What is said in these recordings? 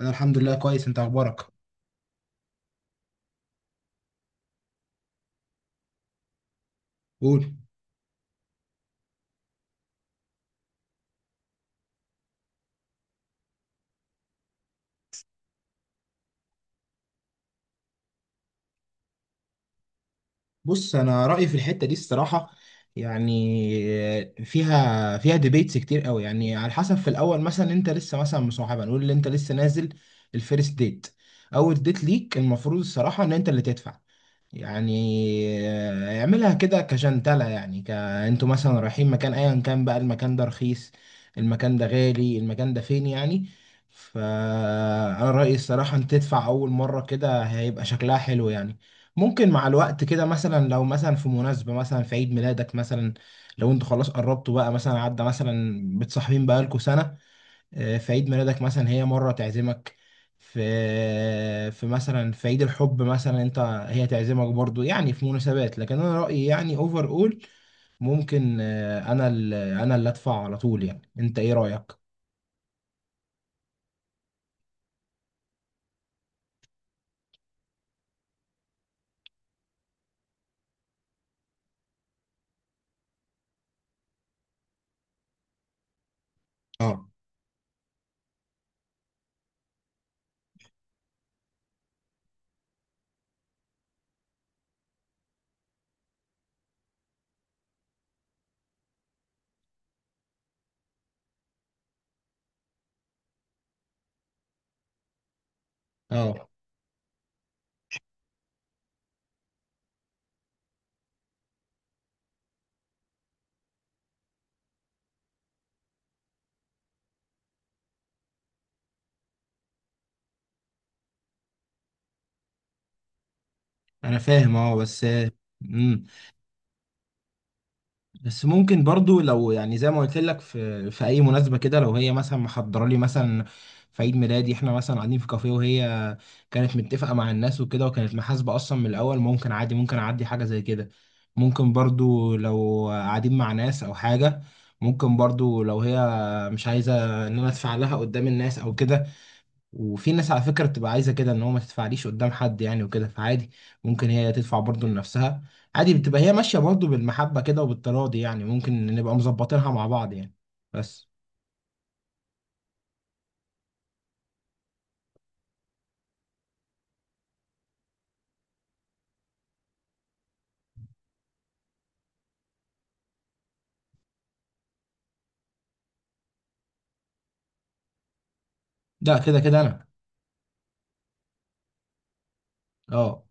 انا الحمد لله كويس. انت اخبارك؟ قول. بص، انا رايي في الحته دي الصراحه، يعني فيها ديبيتس كتير قوي، يعني على حسب. في الاول مثلا انت لسه مثلا مصاحبه، نقول ان انت لسه نازل الفيرست ديت. اول ديت ليك المفروض الصراحه ان انت اللي تدفع، يعني اعملها كده كجنتلة، يعني انتوا مثلا رايحين مكان، ايا كان بقى المكان ده رخيص، المكان ده غالي، المكان ده فين، يعني. فانا رأيي الصراحة انت تدفع اول مرة، كده هيبقى شكلها حلو يعني. ممكن مع الوقت كده مثلا لو مثلا في مناسبة، مثلا في عيد ميلادك مثلا، لو انتوا خلاص قربتوا بقى، مثلا عدى مثلا بتصاحبين بقالكوا سنة، في عيد ميلادك مثلا هي مرة تعزمك، في في مثلا في عيد الحب مثلا انت، هي تعزمك برضو، يعني في مناسبات. لكن انا رأيي يعني اوفر اول، ممكن انا اللي ادفع على طول، يعني انت ايه رأيك؟ اه، اه، انا فاهم اه، بس امم، بس ممكن برضو لو يعني زي ما قلت لك، في اي مناسبه كده، لو هي مثلا محضره لي مثلا في عيد ميلادي، احنا مثلا قاعدين في كافيه وهي كانت متفقه مع الناس وكده، وكانت محاسبه اصلا من الاول، ممكن عادي، ممكن اعدي حاجه زي كده. ممكن برضو لو قاعدين مع ناس او حاجه، ممكن برضو لو هي مش عايزه ان انا ادفع لها قدام الناس او كده. وفي ناس على فكرة بتبقى عايزة كده، ان هو ما تدفعليش قدام حد يعني وكده، فعادي ممكن هي تدفع برضه لنفسها، عادي. بتبقى هي ماشية برضه بالمحبة كده وبالتراضي، يعني ممكن نبقى مظبطينها مع بعض يعني، بس. ده كده كده انا. اه.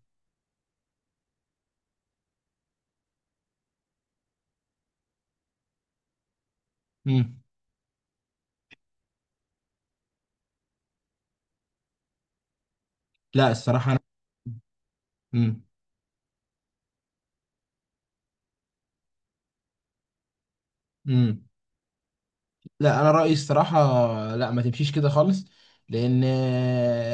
امم. لا الصراحة انا. امم. امم. لا، انا رايي الصراحه لا، ما تمشيش كده خالص. لان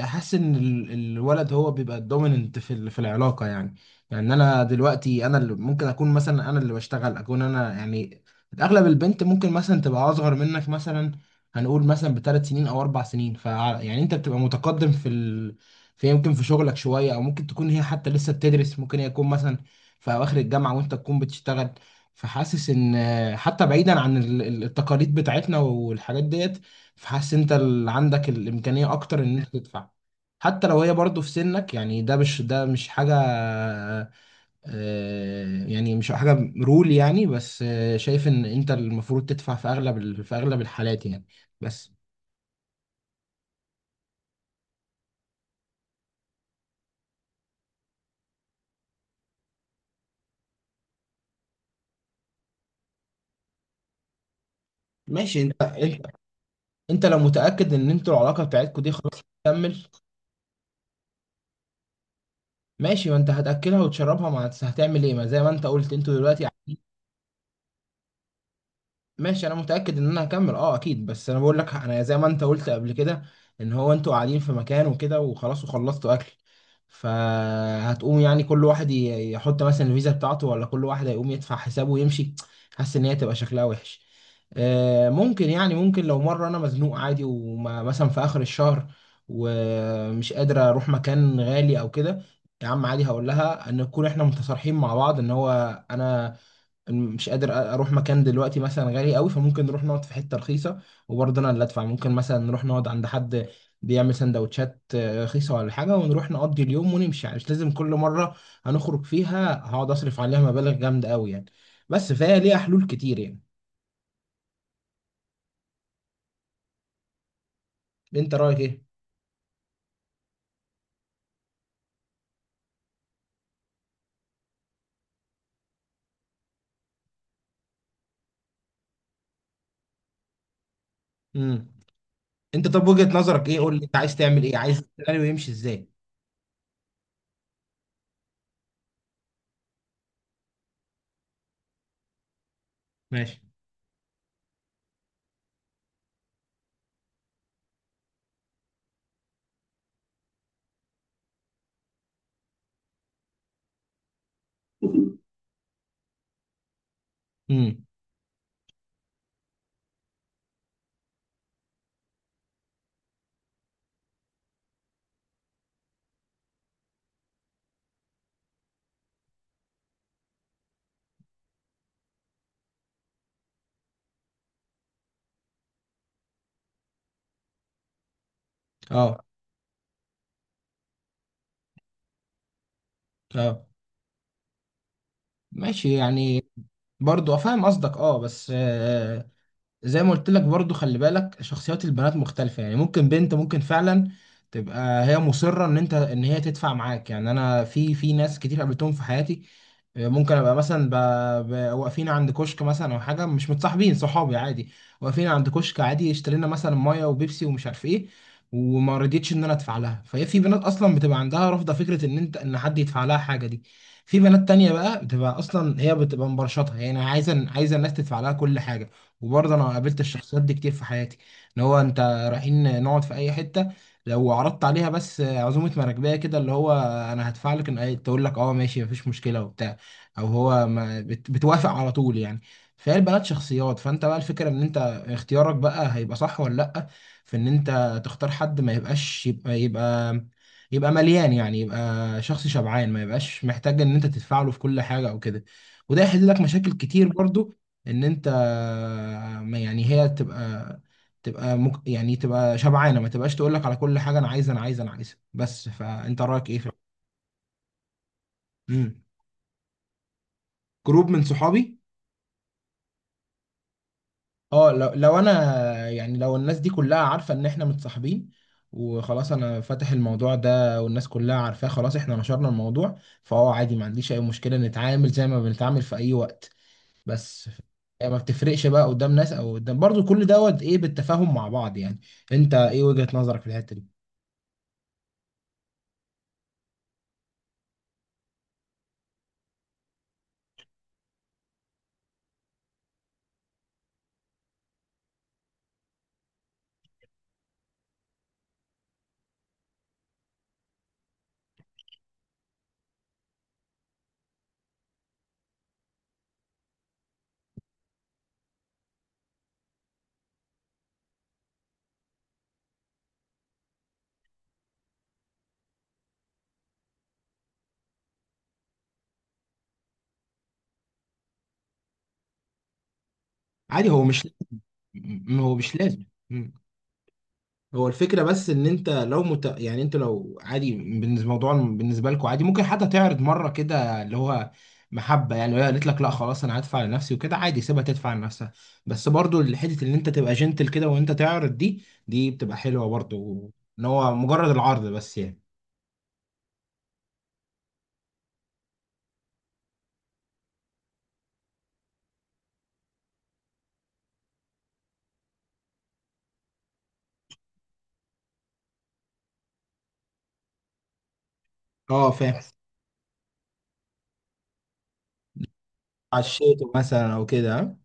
حاسس ان الولد هو بيبقى الدوميننت في في العلاقه، يعني. يعني انا دلوقتي انا اللي ممكن اكون، مثلا انا اللي بشتغل، اكون انا يعني اغلب البنت ممكن مثلا تبقى اصغر منك مثلا، هنقول مثلا بثلاث سنين او اربع سنين، يعني انت بتبقى متقدم في في، يمكن في شغلك شويه. او ممكن تكون هي حتى لسه بتدرس، ممكن هي تكون مثلا في اواخر الجامعه وانت تكون بتشتغل. فحاسس ان، حتى بعيدا عن التقاليد بتاعتنا والحاجات ديت، فحاسس انت اللي عندك الامكانيه اكتر ان انت تدفع، حتى لو هي برضه في سنك. يعني ده مش حاجه يعني مش حاجه رول يعني، بس شايف ان انت المفروض تدفع في اغلب في اغلب الحالات يعني، بس. ماشي، انت انت لو متاكد ان انتوا العلاقه بتاعتكم دي خلاص هتكمل، ماشي. ما انت هتاكلها وتشربها، ما هتعمل ايه؟ ما زي ما انت قلت انتوا دلوقتي. ماشي، انا متاكد ان انا هكمل، اه اكيد. بس انا بقول لك، انا زي ما انت قلت قبل كده، ان هو انتوا قاعدين في مكان وكده، وخلاص وخلصتوا اكل، فهتقوم يعني كل واحد يحط مثلا الفيزا بتاعته، ولا كل واحد هيقوم يدفع حسابه ويمشي؟ حاسس ان هي تبقى شكلها وحش. ممكن، يعني ممكن لو مره انا مزنوق عادي، ومثلا في اخر الشهر ومش قادر اروح مكان غالي او كده، يا عم عادي هقول لها ان نكون احنا متصارحين مع بعض، ان هو انا مش قادر اروح مكان دلوقتي مثلا غالي قوي، فممكن نروح نقعد في حته رخيصه، وبرضه انا اللي ادفع. ممكن مثلا نروح نقعد عند حد بيعمل سندوتشات رخيصه ولا حاجه، ونروح نقضي اليوم ونمشي. يعني مش لازم كل مره هنخرج فيها هقعد اصرف عليها مبالغ جامده قوي يعني، بس فهي ليها حلول كتير يعني. انت رايك ايه؟ امم. انت طب وجهه نظرك ايه؟ قول لي، انت عايز تعمل ايه؟ عايز السيناريو يمشي ازاي؟ ماشي. امم. اه. اه، ماشي يعني. برضو فاهم قصدك، اه بس زي ما قلت لك، برضو خلي بالك شخصيات البنات مختلفة، يعني ممكن بنت ممكن فعلا تبقى هي مصرة ان انت، ان هي تدفع معاك يعني. انا في في ناس كتير قابلتهم في حياتي، ممكن ابقى مثلا واقفين عند كشك مثلا او حاجه، مش متصاحبين، صحابي عادي، واقفين عند كشك عادي، اشترينا مثلا ميه وبيبسي ومش عارف ايه، وما رضيتش ان انا ادفع لها. فهي في بنات اصلا بتبقى عندها رافضه فكره ان انت، ان حد يدفع لها حاجه دي. في بنات تانية بقى بتبقى اصلا هي بتبقى مبرشطها، يعني عايزه، عايزه الناس تدفع لها كل حاجه، وبرضه انا قابلت الشخصيات دي كتير في حياتي، اللي هو انت رايحين نقعد في اي حته، لو عرضت عليها بس عزومه مراكبيه كده، اللي هو انا هدفع لك، ان تقول لك اه ماشي مفيش مشكله وبتاع، او هو ما بتوافق على طول يعني. فهي البنات شخصيات، فانت بقى الفكره ان انت اختيارك بقى هيبقى صح ولا لا. في ان انت تختار حد ما يبقاش يبقى مليان، يعني يبقى شخص شبعان، ما يبقاش محتاج ان انت تدفع له في كل حاجه او كده، وده يحل لك مشاكل كتير برضو، ان انت ما يعني هي تبقى، تبقى يعني تبقى شبعانه، ما تبقاش تقول لك على كل حاجه انا عايزه انا عايزه انا عايزه، بس. فانت رايك ايه في؟ مم. جروب من صحابي؟ اه، لو انا يعني لو الناس دي كلها عارفه ان احنا متصاحبين، وخلاص انا فاتح الموضوع ده والناس كلها عارفاه، خلاص احنا نشرنا الموضوع، فهو عادي ما عنديش اي مشكله. نتعامل زي ما بنتعامل في اي وقت، بس هي ما بتفرقش بقى قدام ناس او قدام، برضو كل دوت ايه بالتفاهم مع بعض يعني. انت ايه وجهة نظرك في الحته دي؟ عادي، هو مش، هو مش لازم. هو الفكرة بس ان انت لو يعني انت لو عادي، بالنسبة الموضوع بالنسبة لكم عادي، ممكن حتى تعرض مرة كده، اللي هو محبة يعني. لو هي قالت لك لا خلاص انا هدفع لنفسي وكده، عادي، سيبها تدفع لنفسها. بس برضو الحتة اللي انت تبقى جنتل كده وانت تعرض دي بتبقى حلوة برضو، ان هو مجرد العرض بس يعني. اه فاهم. على الشيء مثلا او كده،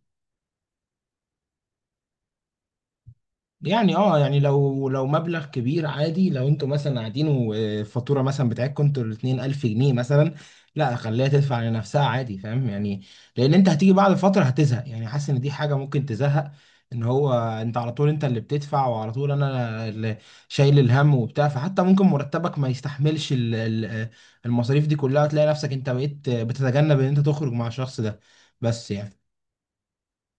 يعني اه، يعني لو مبلغ كبير عادي. لو انتوا مثلا قاعدين والفاتوره مثلا بتاعتكم انتوا الاتنين 1000 جنيه مثلا، لا خليها تدفع لنفسها عادي، فاهم يعني. لان انت هتيجي بعد فتره هتزهق، يعني حاسس ان دي حاجه ممكن تزهق، ان هو انت على طول انت اللي بتدفع، وعلى طول انا اللي شايل الهم وبتاع. فحتى ممكن مرتبك ما يستحملش المصاريف دي كلها، وتلاقي نفسك انت بقيت بتتجنب ان انت تخرج مع الشخص ده، بس يعني